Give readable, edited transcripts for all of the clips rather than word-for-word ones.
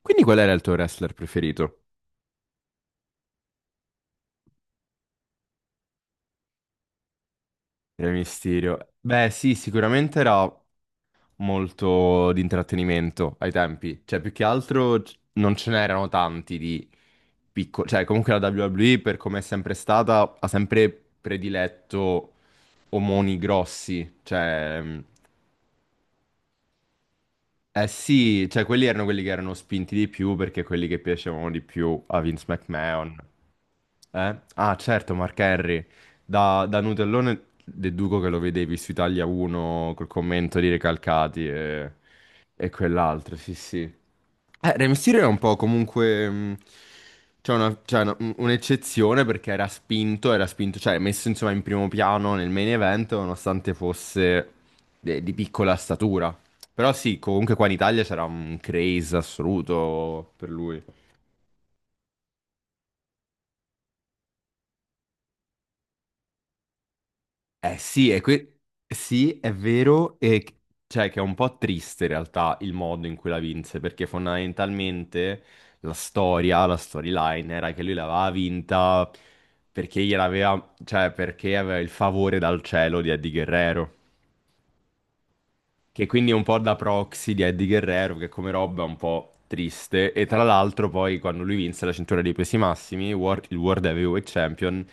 Quindi qual era il tuo wrestler preferito? Rey Mysterio. Beh, sì, sicuramente era molto di intrattenimento ai tempi. Cioè, più che altro non ce n'erano tanti di piccoli. Cioè, comunque la WWE, per come è sempre stata, ha sempre prediletto omoni grossi. Cioè. Eh sì, cioè quelli erano quelli che erano spinti di più perché quelli che piacevano di più a Vince McMahon. Eh? Ah certo, Mark Henry, da Nutellone deduco che lo vedevi su Italia 1 col commento di Recalcati e quell'altro, sì sì. Rey Mysterio è un po' comunque, un'eccezione perché era spinto, cioè messo insomma in primo piano nel main event nonostante fosse di piccola statura. Però sì, comunque qua in Italia c'era un craze assoluto per lui. Eh sì, sì, è vero, cioè che è un po' triste in realtà il modo in cui la vinse, perché fondamentalmente la storia, la storyline era che lui l'aveva vinta perché gliel'aveva, cioè perché aveva il favore dal cielo di Eddie Guerrero. Che quindi è un po' da proxy di Eddie Guerrero, che come roba è un po' triste. E tra l'altro poi quando lui vinse la cintura dei pesi massimi, il World Heavyweight Champion,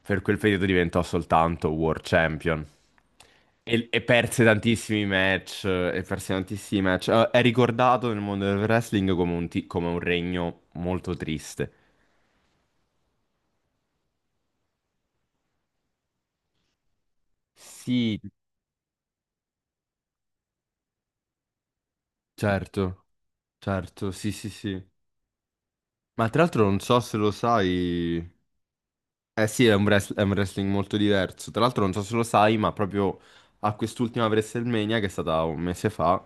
per quel periodo diventò soltanto World Champion. E perse tantissimi match, e perse tantissimi match. È ricordato nel mondo del wrestling come come un regno molto triste. Sì, certo, certo, sì, sì, sì. Ma tra l'altro non so se lo sai. Eh sì, è un wrestling molto diverso. Tra l'altro, non so se lo sai, ma proprio a quest'ultima WrestleMania, che è stata un mese fa,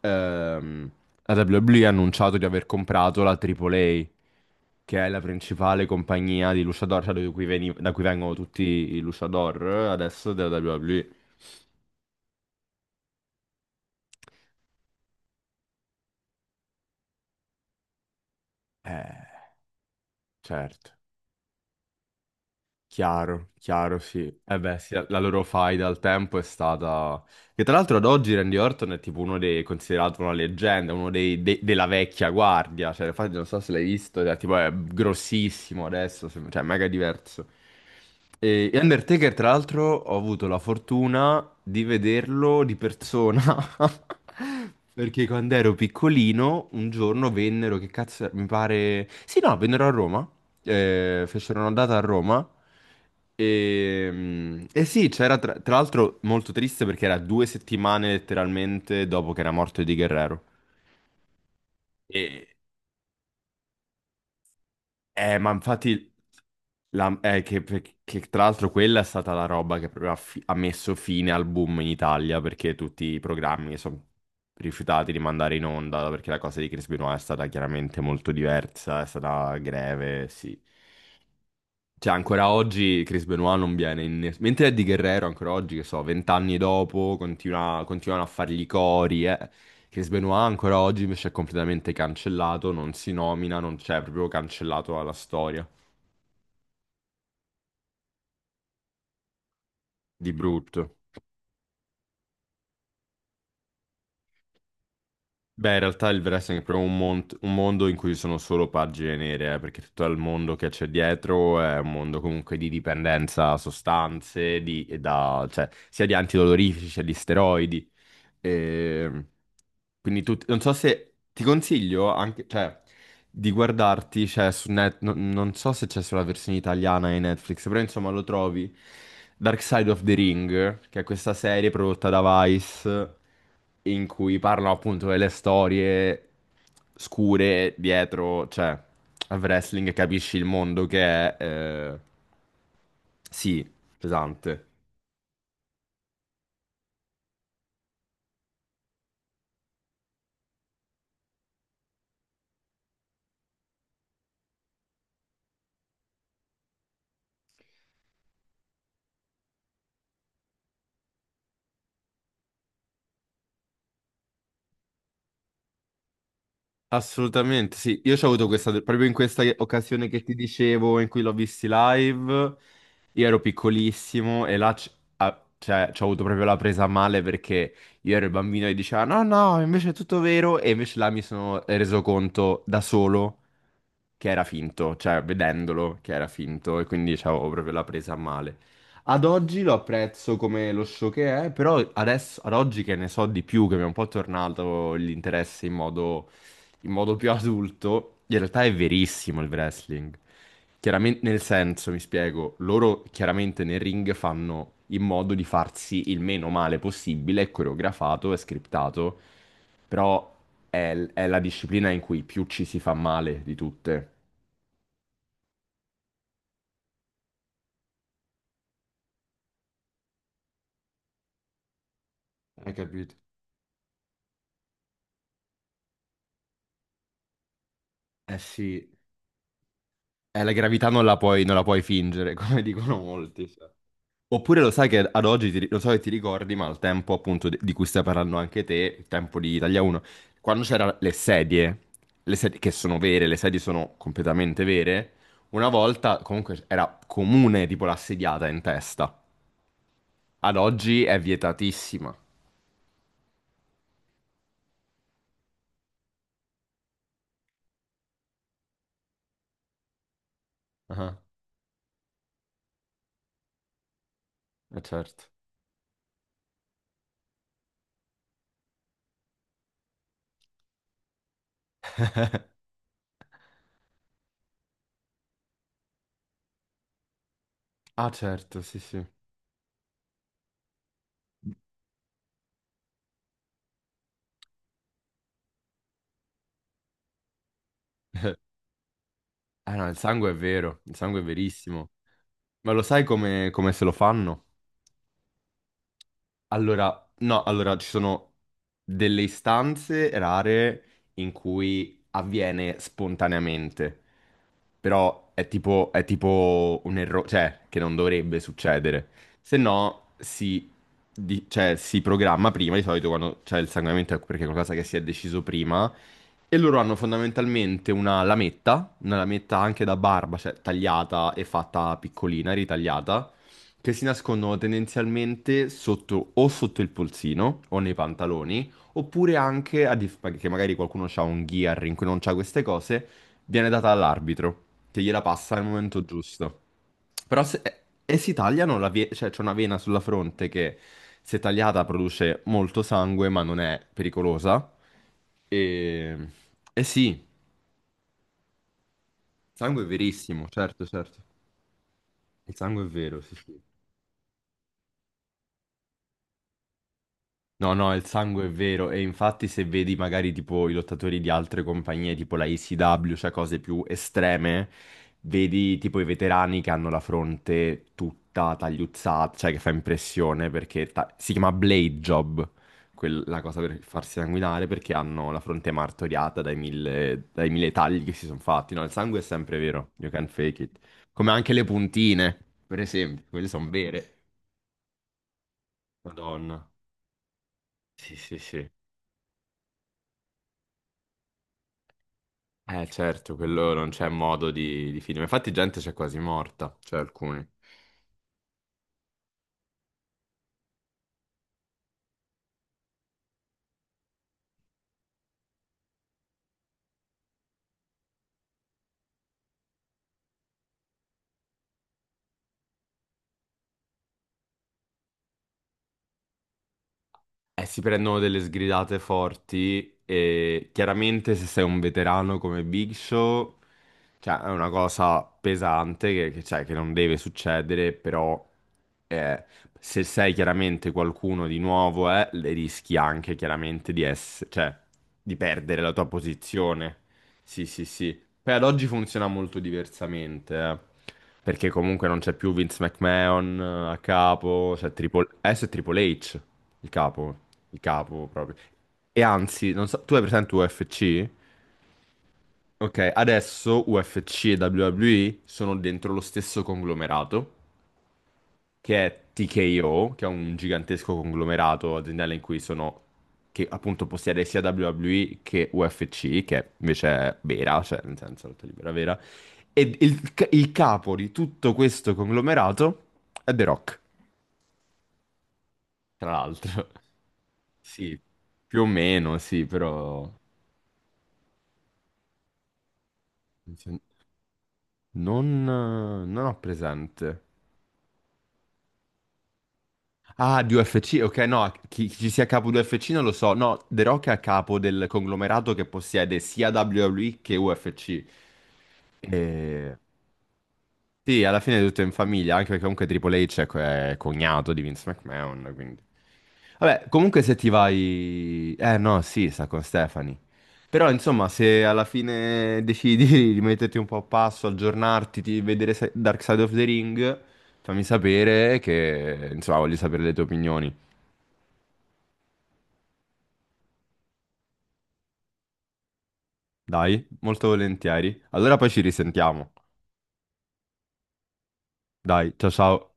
ehm, la WWE ha annunciato di aver comprato la AAA, che è la principale compagnia di luchador, cioè da cui vengono tutti i luchador adesso della WWE. Eh, certo. Chiaro, chiaro, sì. Eh beh, sì, la loro faida al tempo è stata. Che tra l'altro ad oggi Randy Orton è tipo uno dei, considerato una leggenda, uno dei, della vecchia guardia. Cioè, infatti non so se l'hai visto, cioè, tipo è grossissimo adesso, cioè è mega diverso. E Undertaker, tra l'altro, ho avuto la fortuna di vederlo di persona. Perché quando ero piccolino, un giorno vennero, che cazzo, mi pare. Sì, no, vennero a Roma. Fecero una data a Roma. E sì, c'era tra l'altro molto triste perché era 2 settimane letteralmente dopo che era morto Eddie Guerrero. E ma infatti, la- eh, che, che tra l'altro quella è stata la roba che proprio ha messo fine al boom in Italia perché tutti i programmi sono rifiutati di mandare in onda perché la cosa di Chris Benoit è stata chiaramente molto diversa, è stata greve, sì. Cioè, ancora oggi Chris Benoit non viene in. Mentre Eddie Guerrero, ancora oggi, che so, 20 anni dopo, continuano a fargli i cori, eh. Chris Benoit ancora oggi invece è completamente cancellato, non si nomina, non c'è, è proprio cancellato dalla storia. Di brutto. Beh, in realtà il wrestling è proprio un mondo in cui ci sono solo pagine nere, perché tutto il mondo che c'è dietro è un mondo comunque di dipendenza a sostanze, cioè, sia di antidolorifici, sia di steroidi. E quindi tu, non so se ti consiglio anche, cioè, di guardarti, cioè, non so se c'è sulla versione italiana di Netflix, però insomma lo trovi. Dark Side of the Ring, che è questa serie prodotta da Vice, in cui parlano appunto delle storie scure dietro, cioè, al wrestling, e capisci il mondo che è, sì, pesante. Assolutamente, sì. Io ci ho avuto questa, proprio in questa occasione che ti dicevo, in cui l'ho visti live, io ero piccolissimo e là cioè, ci ho avuto proprio la presa a male perché io ero il bambino e diceva no, no, invece è tutto vero e invece là mi sono reso conto da solo che era finto, cioè vedendolo che era finto e quindi avevo proprio la presa a male. Ad oggi lo apprezzo come lo show che è, però adesso, ad oggi che ne so di più, che mi è un po' tornato l'interesse in modo più adulto, in realtà è verissimo il wrestling. Chiaramente, nel senso, mi spiego, loro chiaramente nel ring fanno in modo di farsi il meno male possibile, è coreografato, è scriptato, però è la disciplina in cui più ci si fa male di tutte. Hai capito? Eh sì, la gravità non la puoi, non la puoi fingere, come dicono molti. Cioè. Oppure lo sai che ad oggi, lo so che ti ricordi, ma al tempo appunto di cui stai parlando anche te, il tempo di Italia 1, quando c'erano le sedie che sono vere, le sedie sono completamente vere, una volta comunque era comune tipo l'assediata in testa. Ad oggi è vietatissima. Ah, eh certo. Ah, certo, sì, sì. Eh no, il sangue è vero, il sangue è verissimo. Ma lo sai come se lo fanno? Allora, no, allora ci sono delle istanze rare in cui avviene spontaneamente, però è tipo un errore, cioè che non dovrebbe succedere. Se no, cioè, si programma prima, di solito quando c'è il sanguinamento è perché è qualcosa che si è deciso prima, e loro hanno fondamentalmente una lametta anche da barba, cioè tagliata e fatta piccolina, ritagliata che si nascondono tendenzialmente sotto o sotto il polsino o nei pantaloni, oppure anche che magari qualcuno ha un gear in cui non c'ha queste cose, viene data all'arbitro che gliela passa al momento giusto. Però se e si tagliano cioè c'è una vena sulla fronte che se tagliata produce molto sangue, ma non è pericolosa. E, e sì, il sangue è verissimo, certo, certo. Il sangue è vero, sì, sì. No, no, il sangue è vero e infatti se vedi magari tipo i lottatori di altre compagnie, tipo la ECW, cioè cose più estreme, vedi tipo i veterani che hanno la fronte tutta tagliuzzata, cioè che fa impressione perché si chiama blade job, la cosa per farsi sanguinare perché hanno la fronte martoriata dai mille tagli che si sono fatti. No, il sangue è sempre vero, you can fake it. Come anche le puntine, per esempio, quelle sono vere. Madonna. Sì, sì, sì. Eh certo, quello non c'è modo di finire. Infatti gente c'è quasi morta, cioè alcuni. Si prendono delle sgridate forti e chiaramente se sei un veterano come Big Show, cioè è una cosa pesante che non deve succedere, però eh, se sei chiaramente qualcuno di nuovo, le rischi anche chiaramente di essere, cioè di perdere la tua posizione. Sì, sì, sì. Beh, ad oggi funziona molto diversamente, perché comunque non c'è più Vince McMahon a capo, adesso è Triple H, il capo, il capo proprio. E anzi, non so, tu hai presente UFC? Ok, adesso UFC e WWE sono dentro lo stesso conglomerato che è TKO, che è un gigantesco conglomerato aziendale in cui sono, che appunto possiede sia WWE che UFC, che invece è vera, cioè nel senso lotta libera vera, e il capo di tutto questo conglomerato è The Rock, tra l'altro. Sì, più o meno, sì, però non ho presente. Ah, di UFC, ok, no, chi ci sia capo di UFC non lo so. No, The Rock è a capo del conglomerato che possiede sia WWE che UFC. E... Sì, alla fine è tutto in famiglia, anche perché comunque Triple H è cognato di Vince McMahon, quindi. Vabbè, comunque se ti vai. Eh no, sì, sta con Stephanie. Però insomma, se alla fine decidi di metterti un po' a passo, aggiornarti, di vedere Dark Side of the Ring, fammi sapere che. Insomma, voglio sapere le tue opinioni. Dai, molto volentieri. Allora poi ci risentiamo. Dai, ciao ciao.